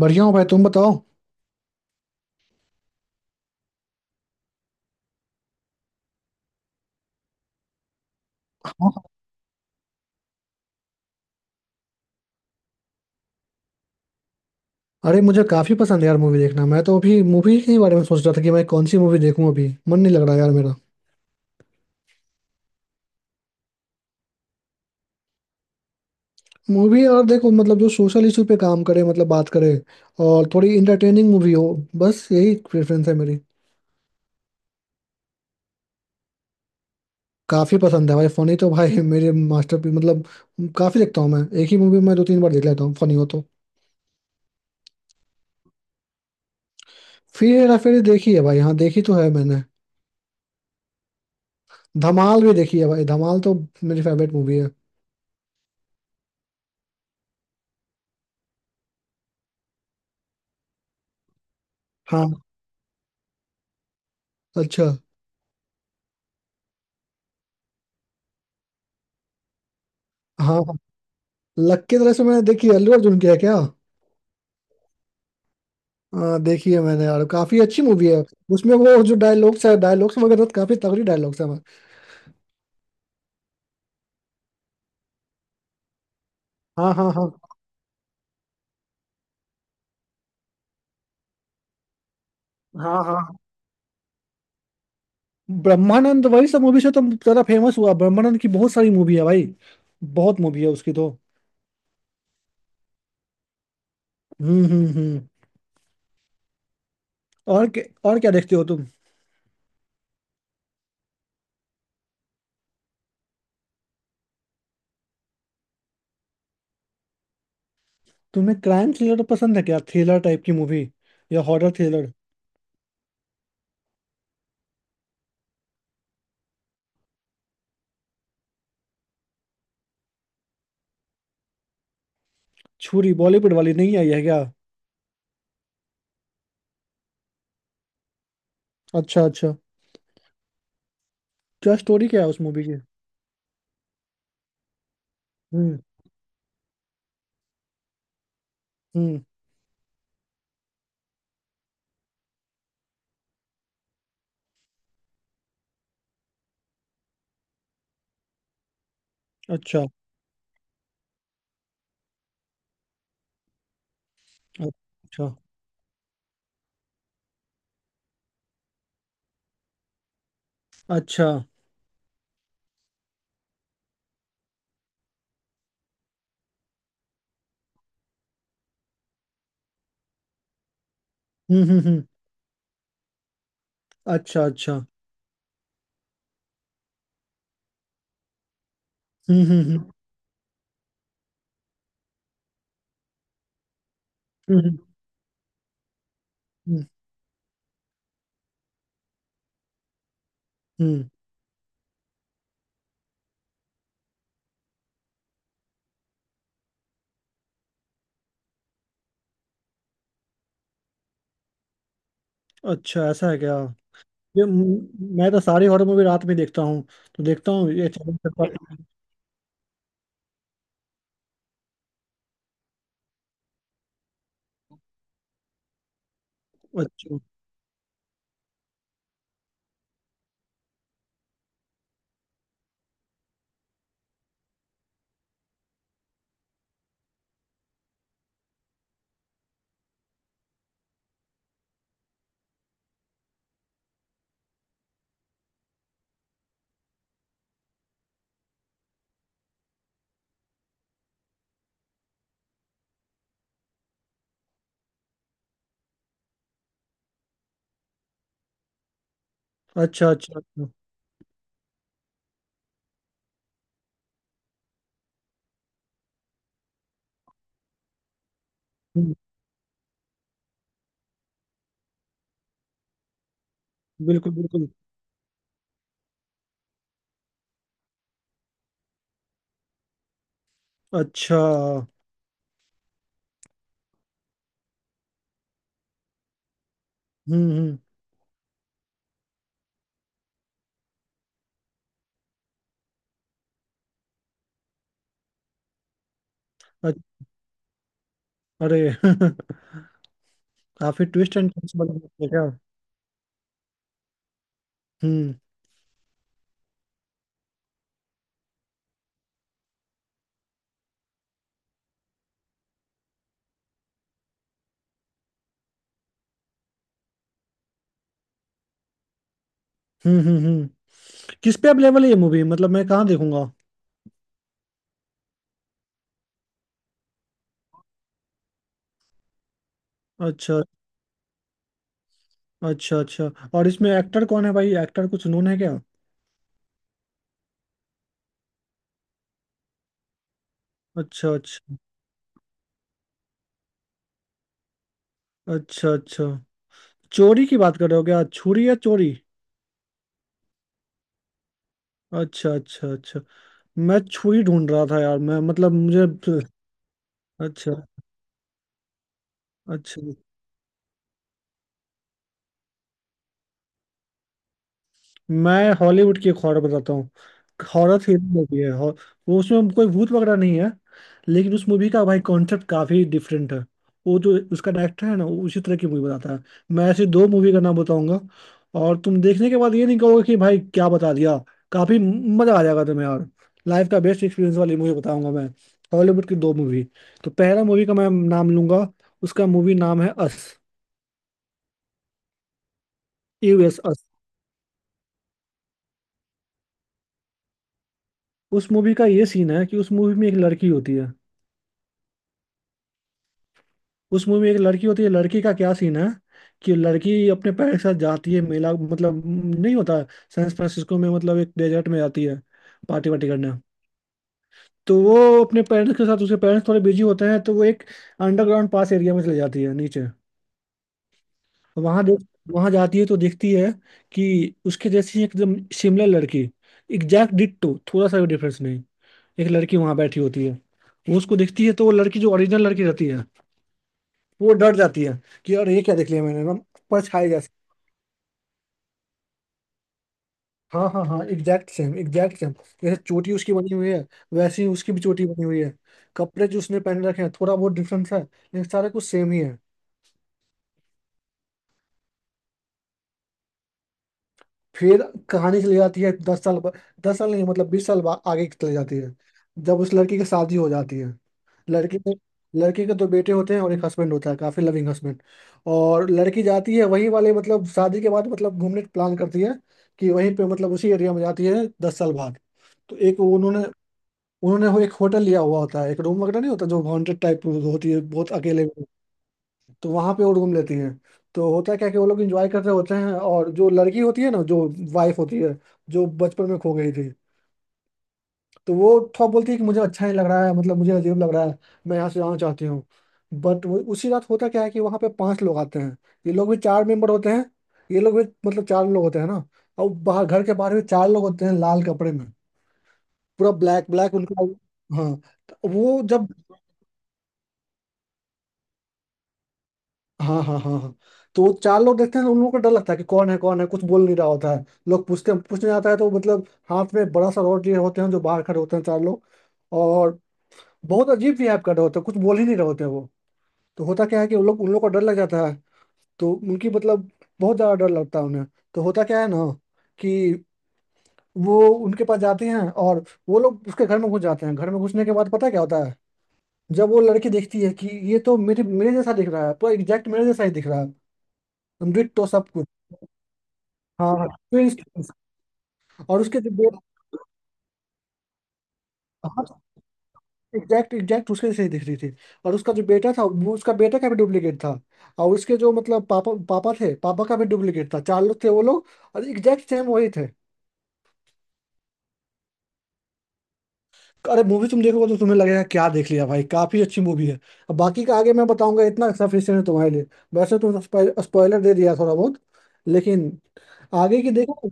बढ़िया हो भाई तुम बताओ। अरे मुझे काफी पसंद है यार मूवी देखना। मैं तो अभी मूवी के बारे में सोच रहा था कि मैं कौन सी मूवी देखूं। अभी मन नहीं लग रहा यार मेरा। मूवी और देखो मतलब जो सोशल इशू पे काम करे मतलब बात करे, और थोड़ी इंटरटेनिंग मूवी हो। बस यही प्रेफरेंस है मेरी। काफी पसंद है भाई फनी तो भाई मेरे मास्टरपीस मतलब। काफी देखता हूँ मैं, एक ही मूवी मैं दो तीन बार देख लेता हूँ फनी हो तो। फिर हेरा फेरी देखी है भाई, हाँ देखी तो है मैंने। धमाल भी देखी है भाई, धमाल तो मेरी फेवरेट मूवी है। हाँ। अच्छा। हाँ। लक्की तरह से मैंने देखी है, अल्लू अर्जुन की है क्या? हाँ देखी है मैंने यार, काफी अच्छी मूवी है। उसमें वो जो डायलॉग्स है, डायलॉग्स वगैरह तो काफी तगड़ी डायलॉग्स है। हाँ हाँ हाँ हाँ हाँ। ब्रह्मानंद वही सब मूवी से तो ज्यादा फेमस हुआ, ब्रह्मानंद की बहुत सारी मूवी है भाई। बहुत मूवी है उसकी तो। हम्म। और क्या, और क्या देखते हो तुम? तुम्हें क्राइम थ्रिलर पसंद है क्या, थ्रिलर टाइप की मूवी या हॉरर थ्रिलर? छुरी, बॉलीवुड वाली नहीं आई है क्या? अच्छा अच्छा। क्या स्टोरी, क्या है उस मूवी की? हम्म हम्म। अच्छा अच्छा अच्छा। हम्म। अच्छा अच्छा। हम्म। हम्म, हम्म। हम्म। अच्छा, ऐसा है क्या? ये मैं तो सारी हॉरर मूवी रात में देखता हूँ। तो देखता हूँ ये चैलेंज कर पाता। अच्छा अच्छा अच्छा अच्छा। हम्म। बिल्कुल बिल्कुल। अच्छा। हम्म। अ- अरे काफी ट्विस्ट एंड टर्न्स वाली movie है क्या? हम्म हम्म। किस पे अवेलेबल है ये मूवी, मतलब मैं कहाँ देखूंगा? अच्छा अच्छा अच्छा। और इसमें एक्टर कौन है भाई, एक्टर कुछ नोन है क्या? अच्छा अच्छा। अच्छा अच्छा। चोरी की बात कर रहे हो क्या, छुरी या चोरी? अच्छा अच्छा अच्छा। मैं छुरी ढूंढ रहा था यार, मैं मतलब मुझे। अच्छा अच्छा। मैं हॉलीवुड की एक हॉरर बताता हूँ। हॉरर थ्रिलर मूवी है। वो, उसमें कोई भूत वगैरह नहीं है। लेकिन उस मूवी का भाई कॉन्सेप्ट काफी डिफरेंट है। वो जो उसका डायरेक्टर है ना वो उसी तरह की मूवी बताता है। मैं ऐसी दो मूवी का नाम बताऊंगा, और तुम देखने के बाद ये नहीं कहोगे कि भाई क्या बता दिया। काफी मजा आ जाएगा तुम्हें यार। लाइफ का बेस्ट एक्सपीरियंस वाली मूवी बताऊंगा मैं, हॉलीवुड की दो मूवी। तो पहला मूवी का मैं नाम लूंगा, उसका मूवी नाम है अस। US, Us. उस मूवी का ये सीन है कि उस मूवी में एक लड़की होती है। उस मूवी में एक लड़की होती है, लड़की का क्या सीन है, कि लड़की अपने पैर के साथ जाती है मेला, मतलब नहीं होता, सैन फ्रांसिस्को में, मतलब एक डेजर्ट में जाती है पार्टी वार्टी करने। तो वो अपने पेरेंट्स के साथ, उसके पेरेंट्स थोड़े बिजी होते हैं, तो वो एक अंडरग्राउंड पास एरिया में चले जाती है नीचे। वहां देख वहां जाती है तो देखती है कि उसके जैसी एकदम सिमिलर लड़की, एग्जैक्ट डिट्टो, थोड़ा सा भी डिफरेंस नहीं, एक लड़की वहां बैठी होती है। वो उसको देखती है, तो वो लड़की, जो ओरिजिनल लड़की रहती है, वो डर जाती है कि यार ये क्या देख लिया मैंने ना। पर छाई। हाँ हाँ हाँ, एग्जैक्ट सेम एग्जैक्ट सेम। जैसे चोटी उसकी बनी हुई है वैसे ही उसकी भी चोटी बनी हुई है। कपड़े जो उसने पहन रखे हैं थोड़ा बहुत डिफरेंस है लेकिन सारा कुछ सेम ही है। फिर कहानी चली जाती है 10 साल दस साल नहीं, मतलब 20 साल आगे चली जाती है, जब उस लड़की की शादी हो जाती है। लड़की के लड़के के दो बेटे होते हैं और एक हस्बैंड होता है, काफी लविंग हस्बैंड। और लड़की जाती है वहीं वाले, मतलब शादी के बाद मतलब घूमने प्लान करती है कि वहीं पे, मतलब उसी एरिया में जाती है 10 साल बाद। तो एक वो उन्होंने उन्होंने वो एक होटल लिया हुआ होता है, एक रूम वगैरह नहीं होता, जो हॉन्टेड टाइप होती है बहुत अकेले में। तो वहां पे वो रूम लेती हैं। तो होता है क्या, कि वो लोग इंजॉय कर रहे होते हैं, और जो लड़की होती है ना, जो वाइफ होती है, जो बचपन में खो गई थी, तो वो थोड़ा बोलती है कि मुझे अच्छा नहीं लग रहा है, मतलब मुझे अजीब लग रहा है, मैं यहाँ से जाना चाहती हूँ। बट उसी रात होता क्या है, कि वहाँ पे पांच लोग आते हैं। ये लोग भी चार मेंबर होते हैं। ये लोग भी मतलब चार लोग होते हैं ना। और बाहर, घर के बाहर भी चार लोग होते हैं लाल कपड़े में, पूरा ब्लैक ब्लैक उनका। हाँ। तो वो जब हाँ हाँ हाँ हाँ। तो वो चार लोग देखते हैं, तो उन लोगों को डर लगता है कि कौन है कौन है, कुछ बोल नहीं रहा होता है। लोग पूछते हैं, पूछने जाता है तो मतलब हाथ में बड़ा सा रॉड लिए होते हैं जो बाहर खड़े होते हैं चार लोग। और बहुत अजीब बिहेव कर रहे होते हैं, कुछ बोल ही नहीं रहे होते हैं वो। तो होता क्या है कि उन लोग को डर लग जाता है, तो उनकी मतलब बहुत ज्यादा डर लगता है उन्हें। तो होता क्या है ना, कि वो उनके पास जाते हैं, और वो लोग उसके घर में घुस जाते हैं। घर में घुसने के बाद पता क्या होता है, जब वो लड़की देखती है कि ये तो मेरे मेरे जैसा दिख रहा है, पूरा एग्जैक्ट मेरे जैसा ही दिख रहा है। डिट्टो सब कुछ। हाँ हाँ ट्विंस ट्विंस। और उसके जो बेटा, हाँ, एग्जैक्ट एग्जैक्ट उसके जैसे ही दिख रही थी। और उसका जो बेटा था वो उसका बेटा का भी डुप्लीकेट था। और उसके जो मतलब पापा पापा थे, पापा का भी डुप्लीकेट था, चार लोग थे वो लोग, और एग्जैक्ट सेम वही थे। अरे मूवी तुम देखोगे तो तुम्हें लगेगा क्या देख लिया भाई, काफी अच्छी मूवी है। अब बाकी का आगे मैं बताऊंगा, इतना सफिशियंट है तुम्हारे लिए। वैसे तुम, स्पॉइलर दे दिया थोड़ा बहुत, लेकिन आगे की देखो।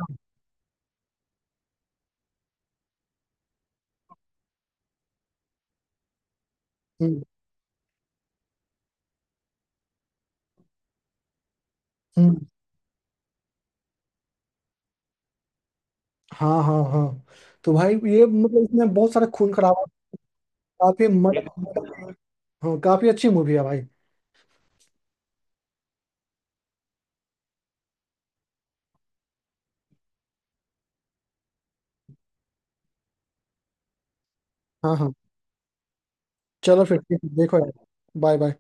हम्म हम्म, हाँ हाँ हाँ। तो भाई ये मतलब इसमें बहुत सारा खून खराबा। काफी मत, बिल्कुल। हाँ काफी अच्छी मूवी है भाई। हाँ हाँ। चलो फिर ठीक है, देखो यार। Bye bye.